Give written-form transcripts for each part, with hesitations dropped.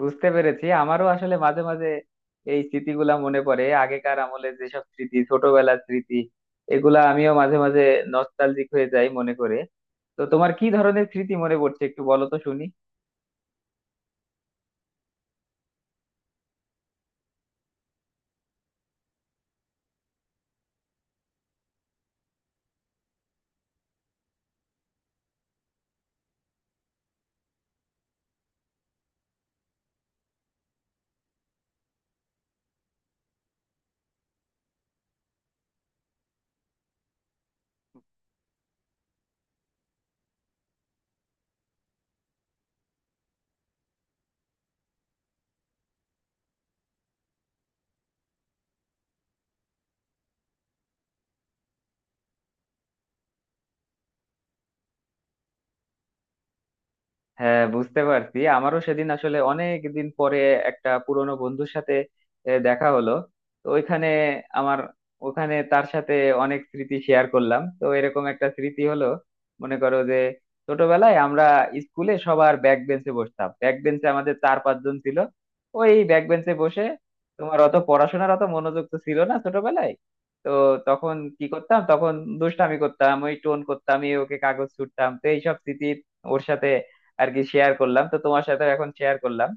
বুঝতে পেরেছি। আমারও আসলে মাঝে মাঝে এই স্মৃতিগুলা মনে পড়ে, আগেকার আমলে যেসব স্মৃতি, ছোটবেলার স্মৃতি, এগুলা আমিও মাঝে মাঝে নস্টালজিক হয়ে যাই মনে করে। তো তোমার কি ধরনের স্মৃতি মনে পড়ছে একটু বলো তো শুনি। হ্যাঁ বুঝতে পারছি, আমারও সেদিন আসলে অনেক দিন পরে একটা পুরনো বন্ধুর সাথে দেখা হলো। তো ওইখানে আমার, ওখানে তার সাথে অনেক স্মৃতি শেয়ার করলাম। তো এরকম একটা স্মৃতি হলো মনে করো যে, ছোটবেলায় আমরা স্কুলে সবার ব্যাক বেঞ্চে বসতাম, ব্যাক বেঞ্চে আমাদের চার পাঁচজন ছিল। ওই ব্যাক বেঞ্চে বসে তোমার অত পড়াশোনার, অত মনোযোগ তো ছিল না ছোটবেলায়। তো তখন কি করতাম? তখন দুষ্টামি করতাম, ওই টোন করতাম, এই ওকে কাগজ ছুঁড়তাম। তো এইসব স্মৃতি ওর সাথে আর কি শেয়ার করলাম, তো তোমার সাথে এখন শেয়ার করলাম।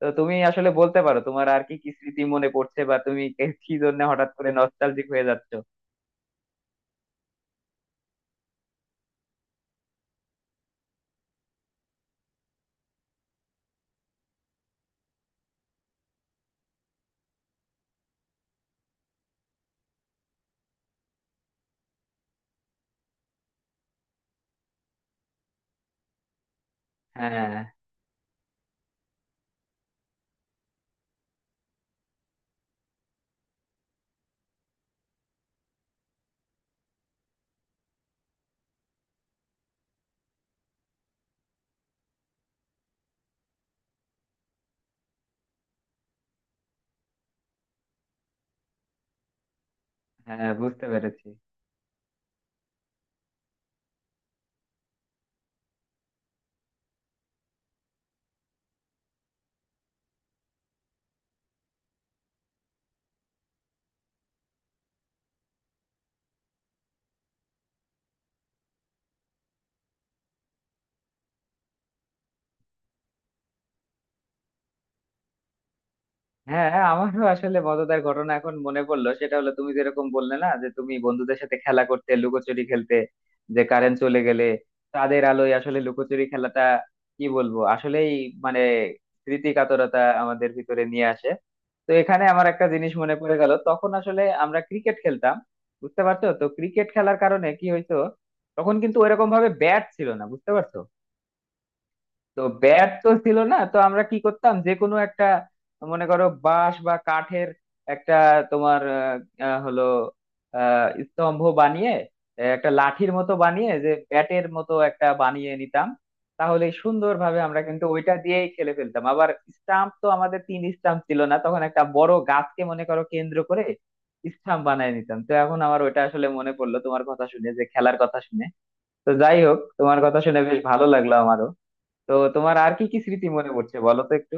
তো তুমি আসলে বলতে পারো, তোমার আর কি কি স্মৃতি মনে পড়ছে, বা তুমি কি জন্য হঠাৎ করে নস্টালজিক হয়ে যাচ্ছো। হ্যাঁ হ্যাঁ বুঝতে পেরেছি। হ্যাঁ হ্যাঁ, আমারও আসলে মজাদার ঘটনা এখন মনে পড়লো। সেটা হলো তুমি যেরকম বললে না, যে তুমি বন্ধুদের সাথে খেলা করতে, লুকোচুরি খেলতে, যে কারেন্ট চলে গেলে তাদের আলোয় আসলে লুকোচুরি খেলাটা কি বলবো আসলেই, মানে স্মৃতি কাতরতা আমাদের ভিতরে নিয়ে আসে। তো এখানে আমার একটা জিনিস মনে পড়ে গেল, তখন আসলে আমরা ক্রিকেট খেলতাম। বুঝতে পারছো, তো ক্রিকেট খেলার কারণে কি হইতো, তখন কিন্তু ওইরকম ভাবে ব্যাট ছিল না, বুঝতে পারছো। তো ব্যাট তো ছিল না, তো আমরা কি করতাম, যে কোনো একটা মনে করো বাঁশ বা কাঠের একটা তোমার হলো স্তম্ভ বানিয়ে, একটা লাঠির মতো বানিয়ে, যে ব্যাটের মতো একটা বানিয়ে নিতাম। তাহলে সুন্দরভাবে আমরা কিন্তু ওইটা দিয়েই খেলে ফেলতাম আবার। স্টাম্প তো আমাদের তিন স্টাম্প ছিল না তখন, একটা বড় গাছকে মনে করো কেন্দ্র করে স্টাম্প বানিয়ে নিতাম। তো এখন আমার ওইটা আসলে মনে পড়লো তোমার কথা শুনে, যে খেলার কথা শুনে। তো যাই হোক, তোমার কথা শুনে বেশ ভালো লাগলো আমারও। তো তোমার আর কি কি স্মৃতি মনে পড়ছে বলো তো একটু।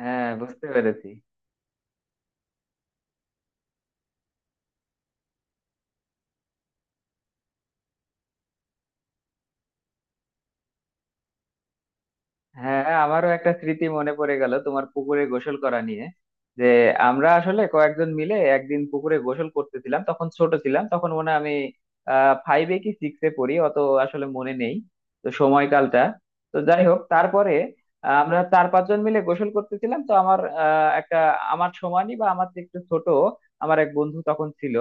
হ্যাঁ বুঝতে পেরেছি। হ্যাঁ আমারও একটা স্মৃতি মনে পড়ে গেল তোমার পুকুরে গোসল করা নিয়ে। যে আমরা আসলে কয়েকজন মিলে একদিন পুকুরে গোসল করতেছিলাম। তখন ছোট ছিলাম, তখন মনে হয় আমি ফাইভে কি সিক্সে পড়ি, অত আসলে মনে নেই তো সময়কালটা। তো যাই হোক তারপরে আমরা চার পাঁচজন মিলে গোসল করতেছিলাম। তো আমার একটা, আমার সমানই বা আমার থেকে একটু ছোট আমার এক বন্ধু তখন ছিল।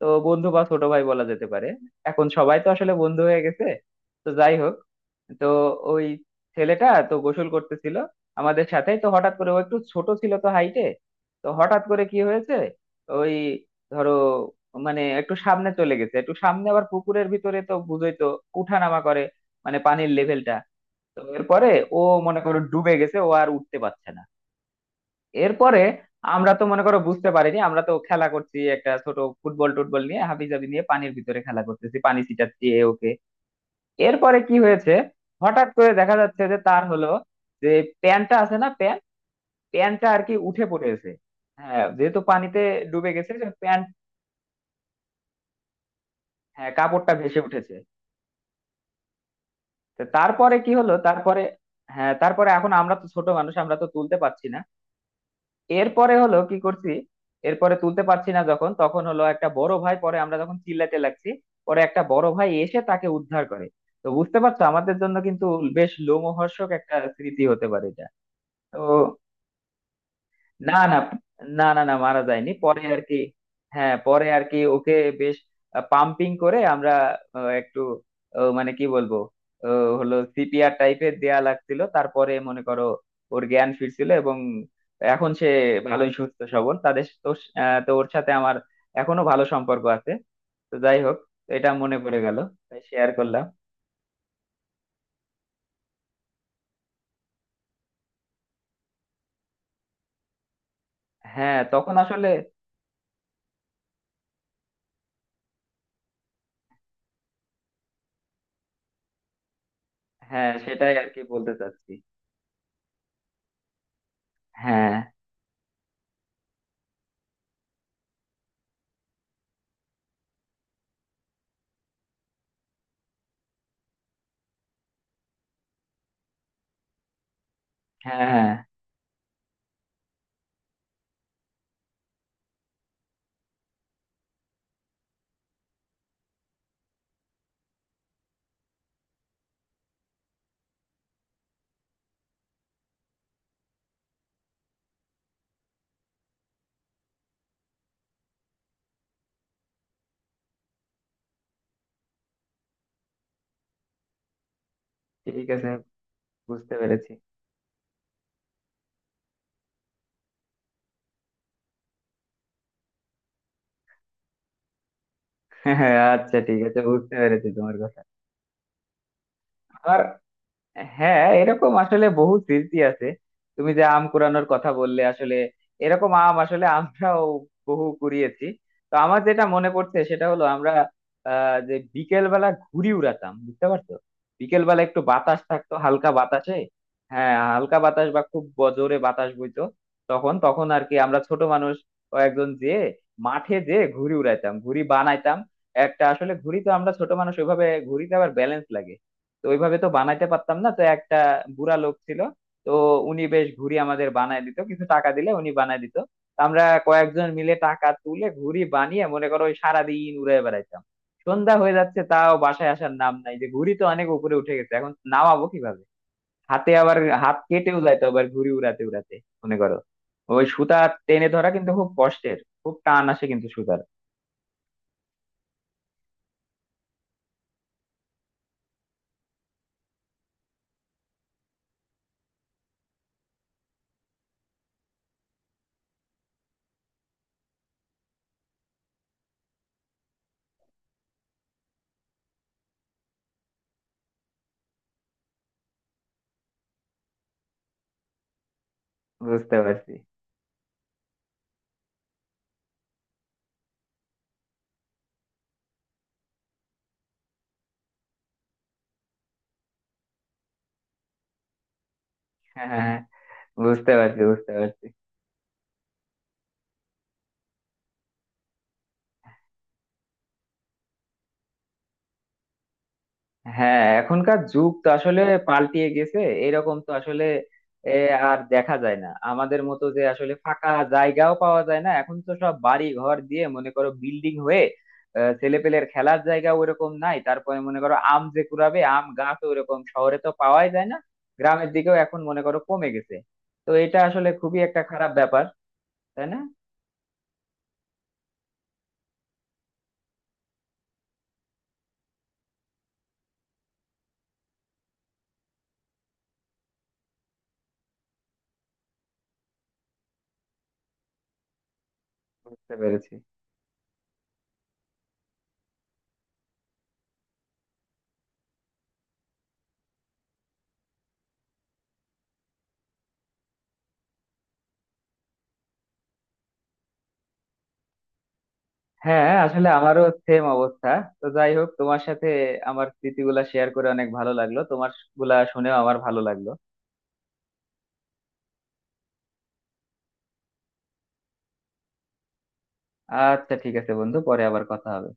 তো বন্ধু বা ছোট ভাই বলা যেতে পারে, এখন সবাই তো আসলে বন্ধু হয়ে গেছে। তো যাই হোক, তো ওই ছেলেটা তো গোসল করতেছিল আমাদের সাথেই। তো হঠাৎ করে ও একটু ছোট ছিল তো হাইটে। তো হঠাৎ করে কি হয়েছে, ওই ধরো মানে একটু সামনে চলে গেছে, একটু সামনে আবার পুকুরের ভিতরে তো বুঝোই তো উঠানামা করে মানে পানির লেভেলটা। তো এরপরে ও মনে করো ডুবে গেছে, ও আর উঠতে পারছে না। এরপরে আমরা তো মনে করো বুঝতে পারিনি, আমরা তো খেলা করছি একটা ছোট ফুটবল টুটবল নিয়ে হাবিজাবি নিয়ে, পানির ভিতরে খেলা করতেছি, পানি ছিটাচ্ছি এ ওকে। এরপরে কি হয়েছে, হঠাৎ করে দেখা যাচ্ছে যে তার হলো যে, প্যান্টটা আছে না, প্যান্ট, প্যান্টটা আর কি উঠে পড়েছে। হ্যাঁ যেহেতু পানিতে ডুবে গেছে, প্যান্ট, হ্যাঁ কাপড়টা ভেসে উঠেছে। তো তারপরে কি হলো তারপরে? হ্যাঁ তারপরে, এখন আমরা তো ছোট মানুষ, আমরা তো তুলতে পারছি না। এরপরে হলো কি করছি, এরপরে তুলতে পারছি না যখন, তখন হলো একটা বড় ভাই, পরে আমরা যখন চিল্লাতে লাগছি, পরে একটা বড় ভাই এসে তাকে উদ্ধার করে। তো বুঝতে পারছো, আমাদের জন্য কিন্তু বেশ লোমহর্ষক একটা স্মৃতি হতে পারে এটা। তো না না, না না না মারা যায়নি পরে আর কি। হ্যাঁ পরে আর কি ওকে বেশ পাম্পিং করে আমরা, একটু মানে কি বলবো, আহ, হলো সিপিআর টাইপের দেয়া লাগছিল। তারপরে মনে করো ওর জ্ঞান ফিরছিল এবং এখন সে ভালোই সুস্থ সবল তাদের তো। তো ওর সাথে আমার এখনো ভালো সম্পর্ক আছে। তো যাই হোক, এটা মনে পড়ে গেল, তাই শেয়ার করলাম। হ্যাঁ তখন আসলে। হ্যাঁ সেটাই আর কি বলতে চাচ্ছি। হ্যাঁ হ্যাঁ হ্যাঁ ঠিক আছে বুঝতে পেরেছি। হ্যাঁ হ্যাঁ আচ্ছা ঠিক আছে বুঝতে পেরেছি তোমার কথা। আর হ্যাঁ এরকম আসলে বহু স্মৃতি আছে। তুমি যে আম কুড়ানোর কথা বললে, আসলে এরকম আম আসলে আমরাও বহু কুড়িয়েছি। তো আমার যেটা মনে পড়ছে সেটা হলো আমরা যে বিকেল বেলা ঘুড়ি উড়াতাম বুঝতে পারছো। বিকেল বেলা একটু বাতাস থাকতো, হালকা বাতাসে। হ্যাঁ হালকা বাতাস বা খুব জোরে বাতাস বইতো তখন তখন আর কি আমরা ছোট মানুষ কয়েকজন যেয়ে মাঠে যেয়ে ঘুড়ি উড়াইতাম, ঘুড়ি বানাইতাম। একটা আসলে ঘুড়ি তো, আমরা ছোট মানুষ, ওইভাবে ঘুড়িতে আবার ব্যালেন্স লাগে, তো ওইভাবে তো বানাইতে পারতাম না। তো একটা বুড়া লোক ছিল, তো উনি বেশ ঘুড়ি আমাদের বানায় দিত, কিছু টাকা দিলে উনি বানায় দিত। তো আমরা কয়েকজন মিলে টাকা তুলে ঘুড়ি বানিয়ে মনে করো ওই সারাদিন উড়ে বেড়াইতাম। সন্ধ্যা হয়ে যাচ্ছে তাও বাসায় আসার নাম নাই, যে ঘুড়ি তো অনেক উপরে উঠে গেছে, এখন নামাবো কিভাবে। হাতে আবার, হাত কেটেও যাইতো আবার ঘুড়ি উড়াতে উড়াতে, মনে করো ওই সুতা টেনে ধরা কিন্তু খুব কষ্টের, খুব টান আসে কিন্তু সুতার। বুঝতে পারছি। হ্যাঁ হ্যাঁ, হ্যাঁ, বুঝতে পারছি বুঝতে পারছি। হ্যাঁ এখনকার যুগ তো আসলে পাল্টিয়ে গেছে। এরকম তো আসলে এ, আর দেখা যায় না আমাদের মতো, যে আসলে ফাঁকা জায়গাও পাওয়া যায় না, এখন তো সব বাড়ি ঘর দিয়ে মনে করো বিল্ডিং হয়ে, ছেলেপেলের খেলার জায়গা ওরকম নাই। তারপরে মনে করো আম যে কুড়াবে, আম গাছ ওরকম শহরে তো পাওয়াই যায় না, গ্রামের দিকেও এখন মনে করো কমে গেছে। তো এটা আসলে খুবই একটা খারাপ ব্যাপার, তাই না। বুঝতে পেরেছি। হ্যাঁ আসলে আমারও সেম অবস্থা। তো যাই হোক তোমার সাথে আমার স্মৃতিগুলা শেয়ার করে অনেক ভালো লাগলো, তোমার গুলা শুনেও আমার ভালো লাগলো। আচ্ছা ঠিক আছে বন্ধু, পরে আবার কথা হবে।